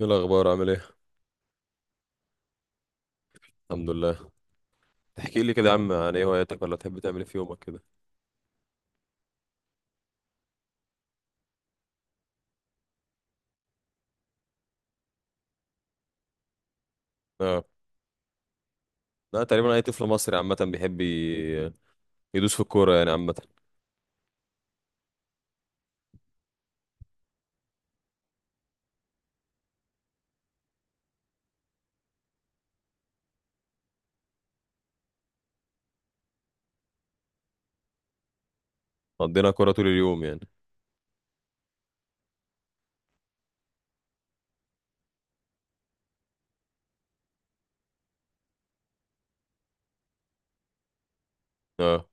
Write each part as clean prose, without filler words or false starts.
ايه الاخبار؟ عامل ايه؟ الحمد لله. تحكي لي كده يا عم، عن ايه هواياتك، ولا تحب تعمل ايه في يومك كده؟ اه. لا، تقريبا اي طفل مصري عامه بيحب يدوس في الكوره يعني عامه. قضينا كوره طول اليوم يعني. اه.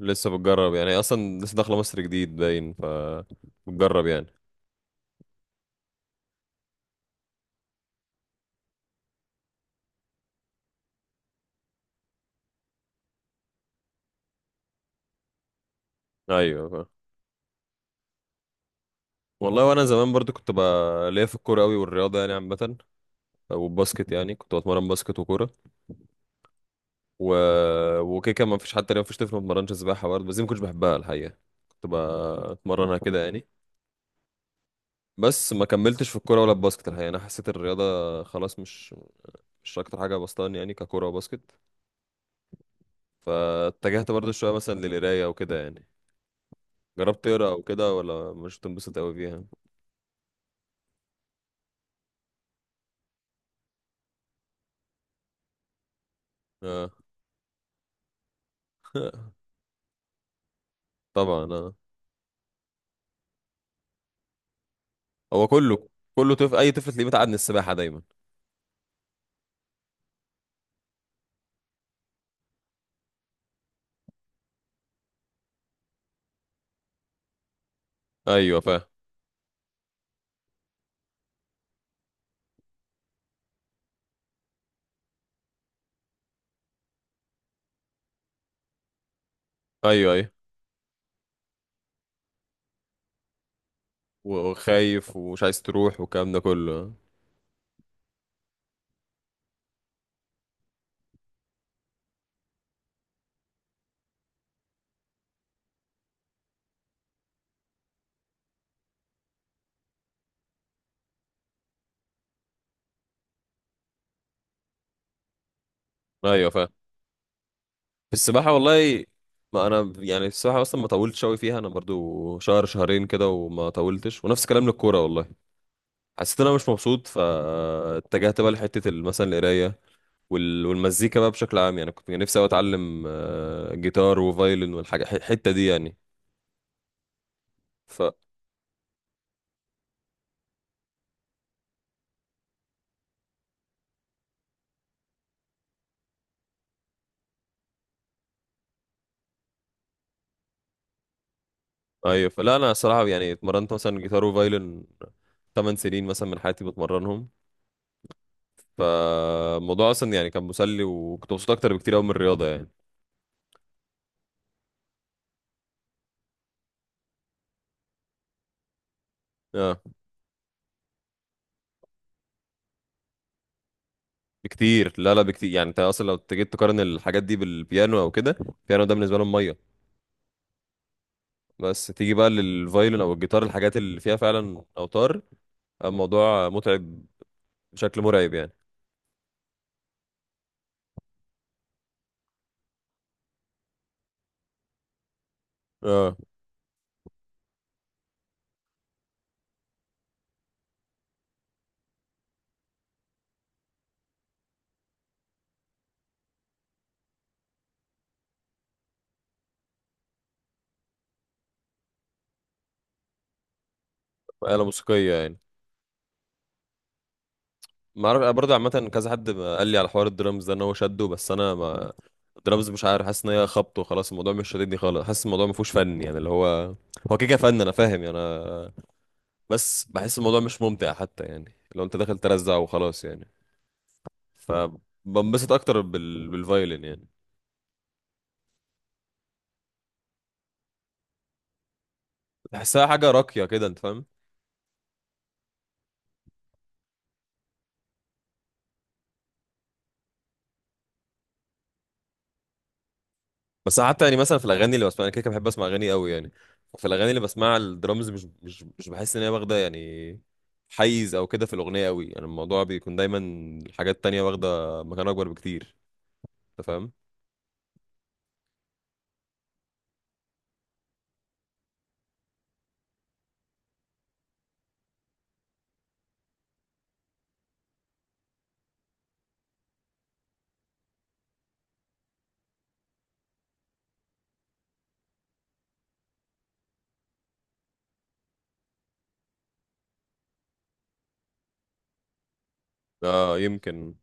لسه بتجرب يعني، هي اصلا لسه داخله مصر جديد باين، بتجرب يعني. ايوه. والله وانا زمان برضو كنت بقى ليا في الكوره قوي، والرياضه يعني عامه، والباسكت يعني كنت بتمرن باسكت وكوره و... وكده. كان ما فيش حتى ما فيش طفل ما اتمرنش سباحه برضه، بس دي ما كنتش بحبها الحقيقه، كنت بتمرنها كده يعني. بس ما كملتش في الكوره ولا الباسكت الحقيقه، يعني انا حسيت الرياضه خلاص مش اكتر حاجه بسطاني يعني، ككوره وباسكت. فاتجهت برضو شويه مثلا للقرايه وكده يعني. جربت تقرا او كده، ولا مش تنبسط قوي فيها؟ اه. طبعا اه. هو كله، كله طفل، اي طفل تلاقيه متعقد من السباحه دايما. ايوه فاهم. ايوه ايوه، وخايف ومش عايز تروح والكلام ده كله. ايوه فاهم. في السباحه والله، ما انا يعني السباحه اصلا ما طولتش قوي فيها، انا برضو شهر شهرين كده وما طولتش، ونفس الكلام للكوره والله. حسيت ان انا مش مبسوط، فاتجهت بقى لحته مثلا القرايه والمزيكا بقى بشكل عام يعني. كنت نفسي أوي اتعلم جيتار وفايلن والحاجه الحته دي يعني ف ايوه. فلا انا الصراحه يعني اتمرنت مثلا جيتار وفايلن 8 سنين مثلا من حياتي بتمرنهم، فالموضوع اصلا يعني كان مسلي، وكنت مبسوط اكتر بكتير قوي من الرياضه يعني. اه بكتير. لا لا بكتير يعني، انت اصلا لو جيت تقارن الحاجات دي بالبيانو او كده، البيانو ده بالنسبه لهم ميه. بس تيجي بقى للفايلن او الجيتار، الحاجات اللي فيها فعلا اوتار، الموضوع متعب بشكل مرعب يعني. اه، آلة موسيقية يعني. ما اعرف، انا برضه عامة كذا حد ما قال لي على حوار الدرامز ده ان هو شده، بس انا ما، الدرامز مش عارف، حاسس ان هي خبط وخلاص، الموضوع مش شاددني خالص، حاسس الموضوع ما فيهوش فن يعني. اللي هو هو كده كده فن انا فاهم يعني انا، بس بحس الموضوع مش ممتع حتى، يعني لو انت داخل ترزع وخلاص يعني. فبنبسط اكتر بالفايلن يعني. بحسها حاجة راقية كده، انت فاهم. بس حتى يعني مثلا في الاغاني اللي بسمعها، انا كده كده بحب اسمع اغاني قوي يعني، في الاغاني اللي بسمعها الدرامز مش بحس ان هي واخده يعني حيز او كده في الاغنيه قوي يعني، الموضوع بيكون دايما حاجات تانية واخده مكان اكبر بكتير. انت فاهم. اه يمكن.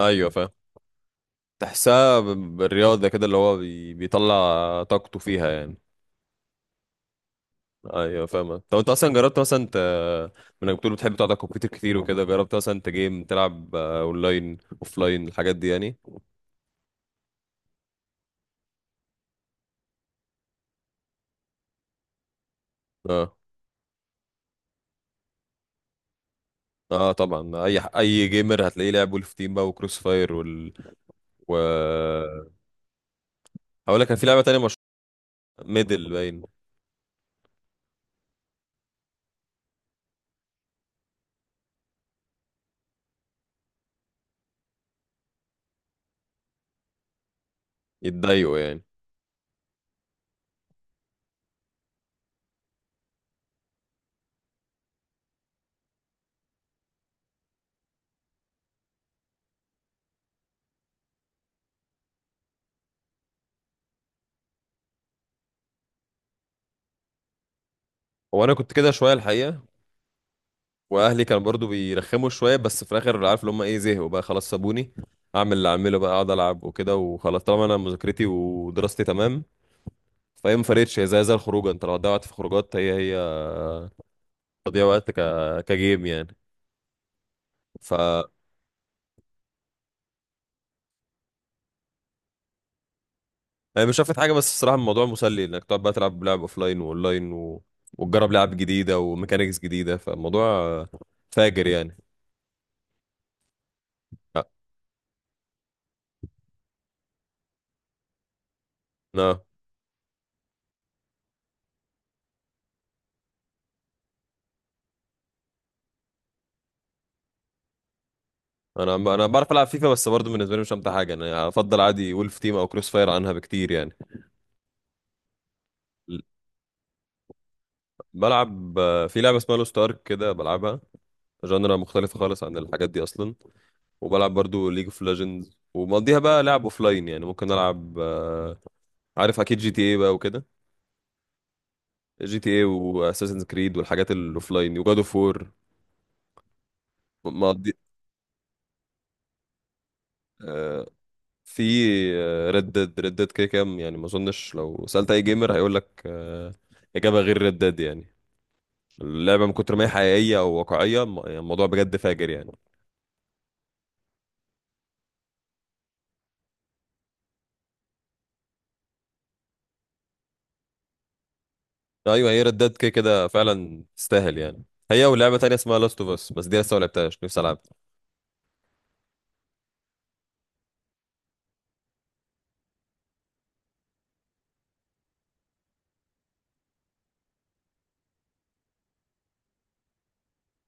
ايوه فاهم. تحسها بالرياضه كده، اللي هو بيطلع طاقته فيها يعني. ايوه فاهم. طب انت اصلا جربت مثلا، انت من بتقول بتحب تقعد على الكمبيوتر كتير وكده، جربت مثلا انت جيم تلعب اونلاين، اوفلاين، الحاجات دي يعني؟ اه اه طبعا، اي جيمر هتلاقيه لعب ولف تيم بقى وكروس فاير و هقول لك كان في لعبه تانية مشهوره، ميدل باين. يتضايقوا يعني. هو انا كنت كده شويه الحقيقه، واهلي كانوا برضو بيرخموا شويه، بس في الاخر عارف اللي هم ايه، زهقوا بقى خلاص سابوني اعمل اللي اعمله بقى، اقعد العب وكده وخلاص، طالما انا مذاكرتي ودراستي تمام، فهي ما فرقتش، هي زي الخروجه، انت لو ضيعت في خروجات، هي تضييع وقت كجيم يعني. ف هي مش شافت حاجه، بس بصراحه الموضوع مسلي، انك تقعد بقى تلعب لعب اوفلاين واونلاين وتجرب لعب جديده وميكانيكس جديده، فالموضوع فاجر يعني. آه، انا بعرف العب فيفا، بس برضه بالنسبه لي مش امتع حاجه، انا افضل عادي وولف تيم او كروس فاير عنها بكتير يعني. ال- بلعب في لعبه اسمها لوست ارك كده بلعبها، جانرا مختلفه خالص عن الحاجات دي اصلا. وبلعب برضه ليج اوف ليجندز، ومقضيها بقى لعب اوفلاين يعني، ممكن العب عارف اكيد جي تي اي بقى وكده، جي تي اي واساسن كريد والحاجات الاوفلاين وجاد اوف وور. ما دي، آه، في ريد ديد، ريد ديد كده كام يعني، ما اظنش لو سألت اي جيمر هيقول لك اجابة غير ريد ديد يعني. اللعبة من كتر ما هي حقيقية او واقعية يعني الموضوع بجد فاجر يعني. ايوه، هي ريد ديد كده كده فعلا تستاهل يعني، هي ولعبة تانية اسمها لاست اوف اس، بس دي لسه ما لعبتهاش، نفسي العبها.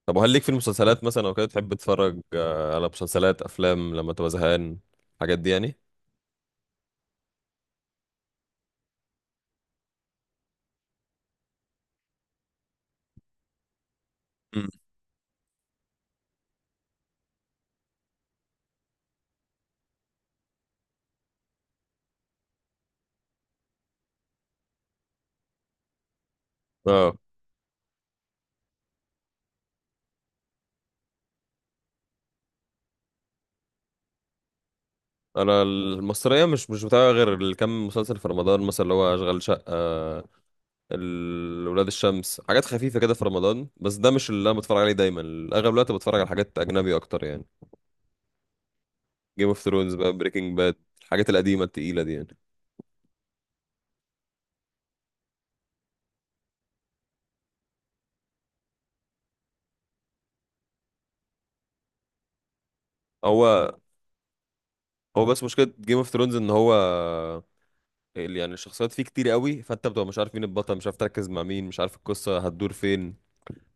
طب وهل ليك في المسلسلات مثلا او كده؟ تحب تتفرج على مسلسلات، افلام، لما تبقى زهقان الحاجات دي يعني؟ مم. اه. انا المصريه مش بتابع غير الكم مسلسل في رمضان، مثلا اللي هو اشغال شقه، ولاد الشمس، حاجات خفيفة كده في رمضان، بس ده مش اللي انا بتفرج عليه دايما. اغلب الوقت بتفرج على حاجات اجنبي اكتر يعني، جيم اوف ثرونز بقى، بريكنج باد، الحاجات القديمة التقيلة دي يعني. هو هو بس مشكلة جيم اوف ثرونز ان هو، يعني الشخصيات فيه كتير قوي، فانت بتبقى مش عارف مين البطل، مش عارف تركز مع مين، مش عارف القصة هتدور فين.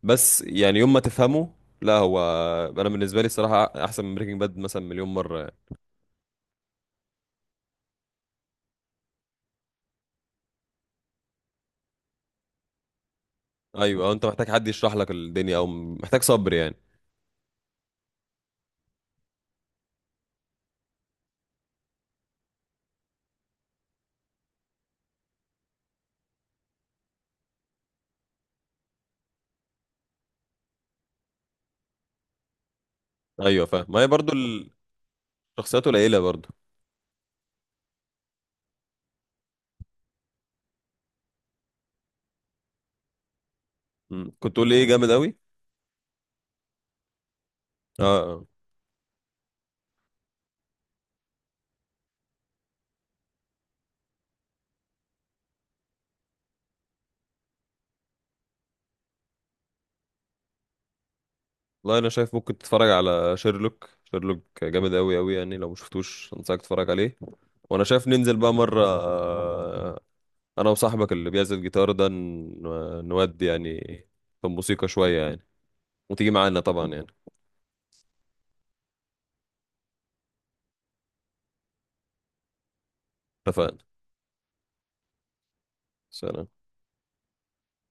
بس يعني يوم ما تفهمه، لا هو انا بالنسبه لي الصراحه احسن من بريكنج باد مثلا مليون مره يعني. ايوه، أو انت محتاج حد يشرح لك الدنيا، او محتاج صبر يعني. ايوه فاهم، ما هي برضو شخصيات قليله برضو. مم. كنت تقول لي ايه جامد قوي؟ اه اه. والله انا شايف ممكن تتفرج على شيرلوك، شيرلوك جامد قوي قوي يعني، لو مشفتوش انصحك تتفرج عليه. وانا شايف ننزل بقى مره، انا وصاحبك اللي بيعزف جيتار ده نودي يعني في الموسيقى شويه يعني، وتيجي معانا طبعا يعني. اتفقنا. سلام.